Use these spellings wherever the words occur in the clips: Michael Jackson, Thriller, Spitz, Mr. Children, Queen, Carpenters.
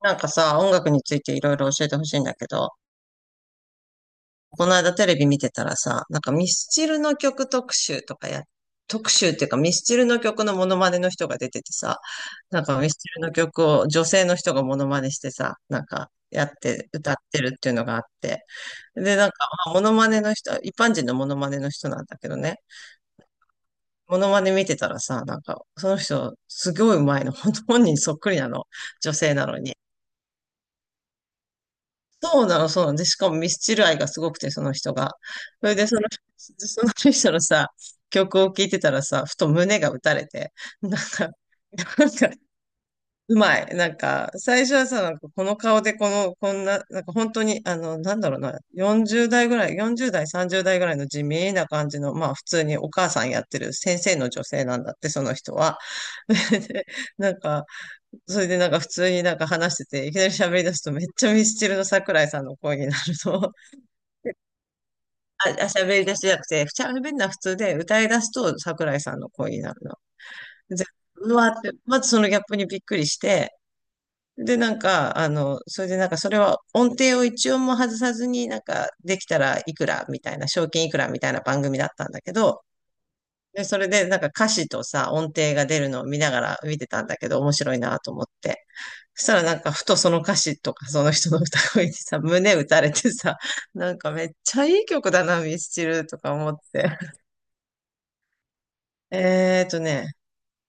なんかさ、音楽についていろいろ教えてほしいんだけど、この間テレビ見てたらさ、ミスチルの曲特集とかや、特集っていうかミスチルの曲のモノマネの人が出ててさ、ミスチルの曲を女性の人がモノマネしてさ、やって歌ってるっていうのがあって。で、まあモノマネの人、一般人のモノマネの人なんだけどね、モノマネ見てたらさ、その人すごいうまいの、本当本人そっくりなの、女性なのに。そうなの、そうなの。で、しかもミスチル愛がすごくて、その人が。それで、その人のさ、曲を聴いてたらさ、ふと胸が打たれて、なんか、なんか、うまい。最初はさ、なんかこの顔でこの、こんな、なんか本当に、なんだろうな、40代ぐらい、40代、30代ぐらいの地味な感じの、まあ普通にお母さんやってる先生の女性なんだって、その人は。で、なんか、それでなんか普通になんか話してて、いきなり喋り出すとめっちゃミスチルの桜井さんの声になるの。あ、喋り出しじゃなくて、喋るのは普通で歌い出すと桜井さんの声になるの。で、うわーって、まずそのギャップにびっくりして、で、それでなんかそれは音程を一音も外さずになんかできたらいくらみたいな、賞金いくらみたいな番組だったんだけど、で、それでなんか歌詞とさ、音程が出るのを見ながら見てたんだけど、面白いなと思って。そしたらなんか、ふとその歌詞とか、その人の歌声にさ、胸打たれてさ、なんかめっちゃいい曲だな、ミスチルとか思って。えーとね、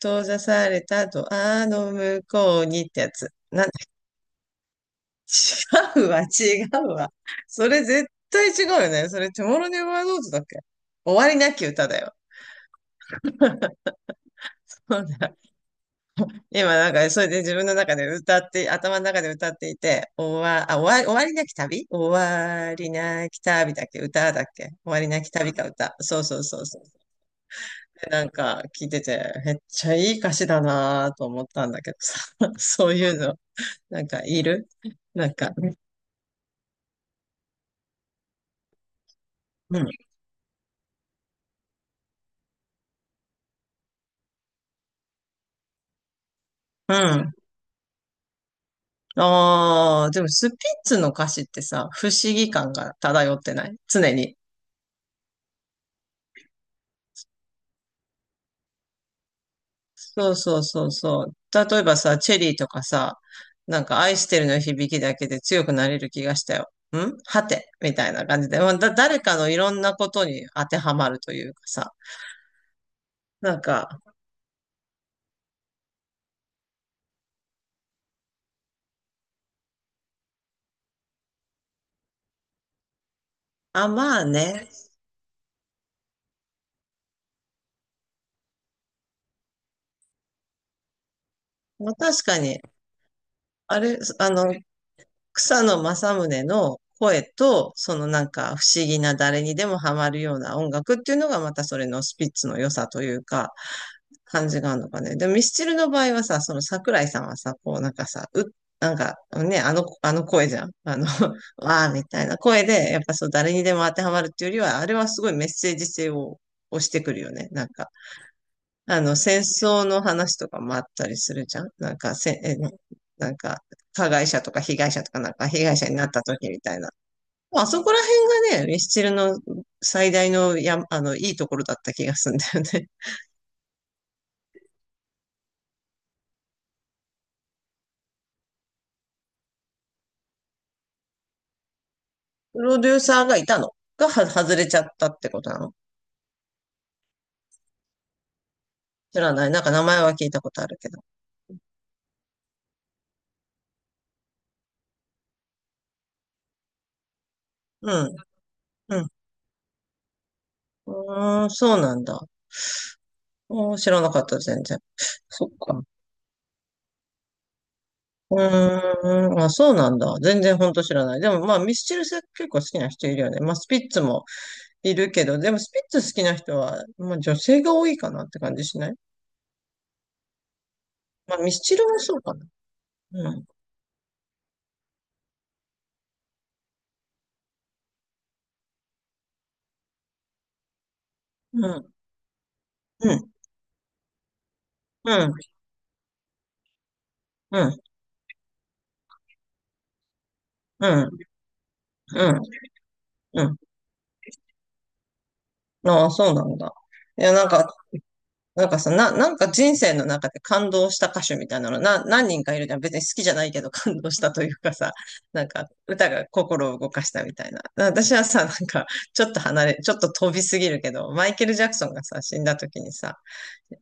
閉ざされたドアの向こうにってやつ。なんだ、違うわ、違うわ。それ絶対違うよね。それ、テモロネバーノートだっけ終わりなき歌だよ。そうだ今なんか、それで自分の中で歌って、頭の中で歌っていて、終わ、あ、終わり、終わりなき旅終わりなき旅だっけ歌だっけ終わりなき旅か歌。そうそうそうそう。でなんか聞いてて、めっちゃいい歌詞だなぁと思ったんだけどさ、そういうの、なんかいるなんか、うん。うん。ああ、でもスピッツの歌詞ってさ、不思議感が漂ってない常に。そうそうそうそう。例えばさ、チェリーとかさ、なんか愛してるの響きだけで強くなれる気がしたよ。んはてみたいな感じで、まあだ、誰かのいろんなことに当てはまるというかさ、なんか、あ、まあね、まあ確かに、あれ、草野正宗の声と、そのなんか不思議な誰にでもハマるような音楽っていうのがまたそれのスピッツの良さというか、感じがあるのかね。でもミスチルの場合はさ、その桜井さんはさ、こうなんかさ、う、なんかね、あの声じゃん。あの、わーみたいな声で、やっぱそう誰にでも当てはまるっていうよりは、あれはすごいメッセージ性を押してくるよね。なんか。あの、戦争の話とかもあったりするじゃんなんか、なんか、加害者とか被害者とかなんか、被害者になった時みたいな。まあそこら辺がね、ミスチルの最大のや、いいところだった気がするんだよね。プロデューサーがいたのがは外れちゃったってことなの知らない。なんか名前は聞いたことあるけど。うん、うん。うーん、そうなんだ。おー知らなかった、全然。そっか。うーん、あ、そうなんだ。全然ほんと知らない。でもまあ、ミスチル結構好きな人いるよね。まあ、スピッツもいるけど、でもスピッツ好きな人は、まあ、女性が多いかなって感じしないまあ、ミスチルもそうかな。うん、うん、うん、うん、うん、うん、うん。ああ、そうなんだ。いや、なんかなんかさ、な、なんか人生の中で感動した歌手みたいなの、何人かいるじゃん。別に好きじゃないけど感動したというかさ、なんか歌が心を動かしたみたいな。私はさ、なんかちょっと離れ、ちょっと飛びすぎるけど、マイケル・ジャクソンがさ、死んだ時にさ、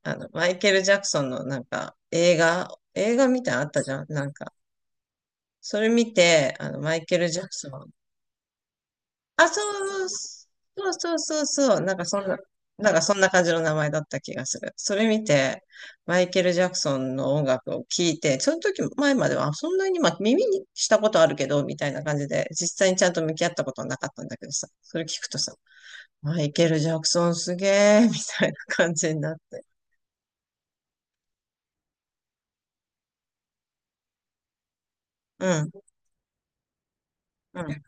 あの、マイケル・ジャクソンのなんか映画、映画みたいなのあったじゃん。なんか、それ見て、あの、マイケル・ジャクソン、あ、そう、そうそうそうそう、なんかそんな、なんかそんな感じの名前だった気がする。それ見て、マイケル・ジャクソンの音楽を聴いて、その時前までは、あそんなに、まあ、耳にしたことあるけど、みたいな感じで、実際にちゃんと向き合ったことはなかったんだけどさ、それ聞くとさ、マイケル・ジャクソンすげー、みたいな感じになって。うん、うん。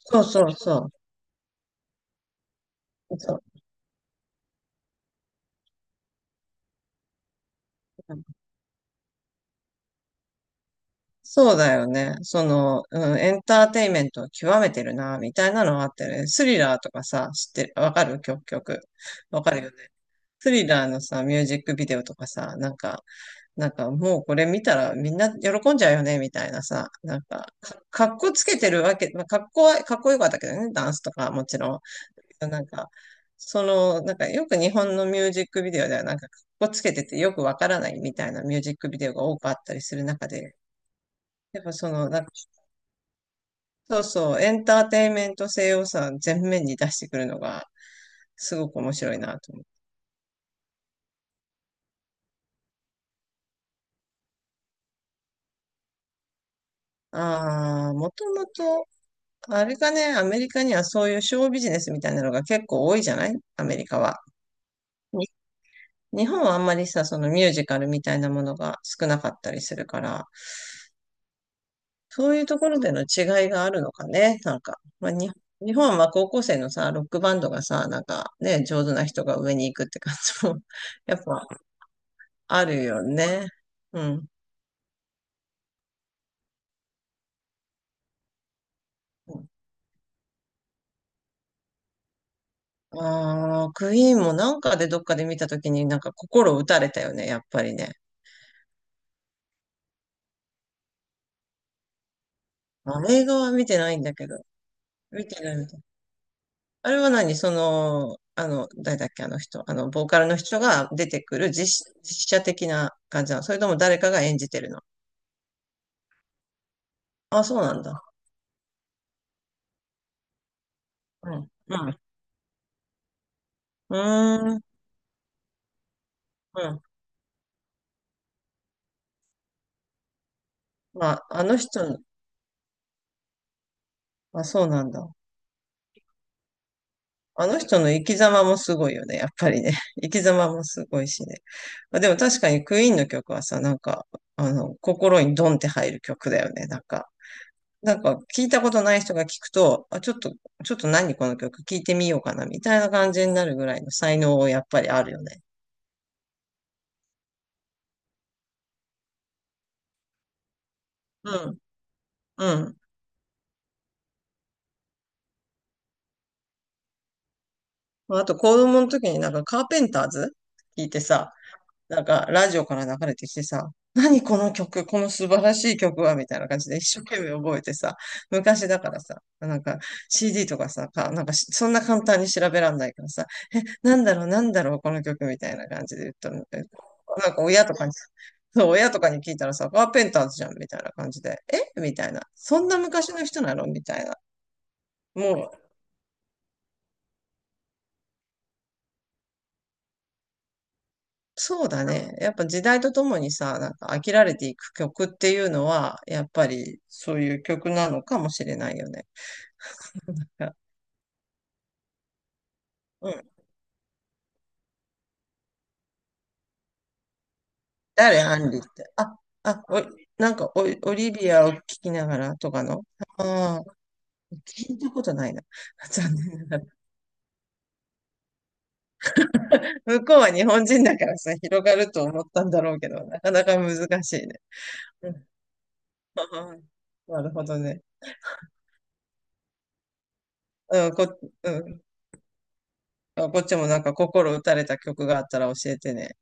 そうそうそう。そうそうだよね。エンターテインメントを極めてるな、みたいなのはあってね。スリラーとかさ、知ってる、わかる曲、曲。わかるよね。スリラーのさ、ミュージックビデオとかさ、もうこれ見たらみんな喜んじゃうよね、みたいなさ、なんか、かっこつけてるわけ、まあ、かっこよかったけどね、ダンスとかもちろん。なんか、なんかよく日本のミュージックビデオではなんか、かっこつけててよくわからないみたいなミュージックビデオが多くあったりする中で、やっぱその、そうそう、エンターテインメント性をさ、全面に出してくるのが、すごく面白いなと思う。ああ、もともと、あれかね、アメリカにはそういうショービジネスみたいなのが結構多いじゃないアメリカは。に日本はあんまりさ、そのミュージカルみたいなものが少なかったりするから、そういうところでの違いがあるのかね、なんか。まあ、日本は高校生のさ、ロックバンドがさ、なんかね、上手な人が上に行くって感じも やっぱあるよね。うん。ああ、クイーンもなんかでどっかで見たときになんか心打たれたよね、やっぱりね。あ、映画は見てないんだけど。見てないみたい。あれは何その、あの、誰だっけ、あの人。あの、ボーカルの人が出てくる実写的な感じなの。それとも誰かが演じてるの。あ、そうなんだ。うん。うん。うーん。うん。まあ、あの人の、あ、そうなんだ。あの人の生き様もすごいよね、やっぱりね。生き様もすごいしね。まあ、でも確かにクイーンの曲はさ、なんか、あの、心にドンって入る曲だよね、なんか。なんか、聞いたことない人が聞くと、あ、ちょっと何この曲聞いてみようかな、みたいな感じになるぐらいの才能やっぱりあるよね。うん、うん。あと、子供の時になんかカーペンターズ聞いてさ、なんか、ラジオから流れてきてさ、何この曲、この素晴らしい曲は、みたいな感じで一生懸命覚えてさ、昔だからさ、なんか CD とかさ、なんかしそんな簡単に調べらんないからさ、なんだろう、この曲みたいな感じで言ったの。えなんか親とかに、そう、親とかに聞いたらさ、カーペンターズじゃん、みたいな感じで、えみたいな。そんな昔の人なのみたいな。もう、そうだね。やっぱ時代とともにさ、なんか飽きられていく曲っていうのは、やっぱりそういう曲なのかもしれないよね。あうん。誰、アンリって。あ、あ、おい、なんかオリ、オリビアを聴きながらとかの ああ、聞いたことないな。残念ながら。向こうは日本人だからさ、広がると思ったんだろうけど、なかなか難しいね。うん。なるほどね。うん、こ、うん。あこっちもなんか心打たれた曲があったら教えてね。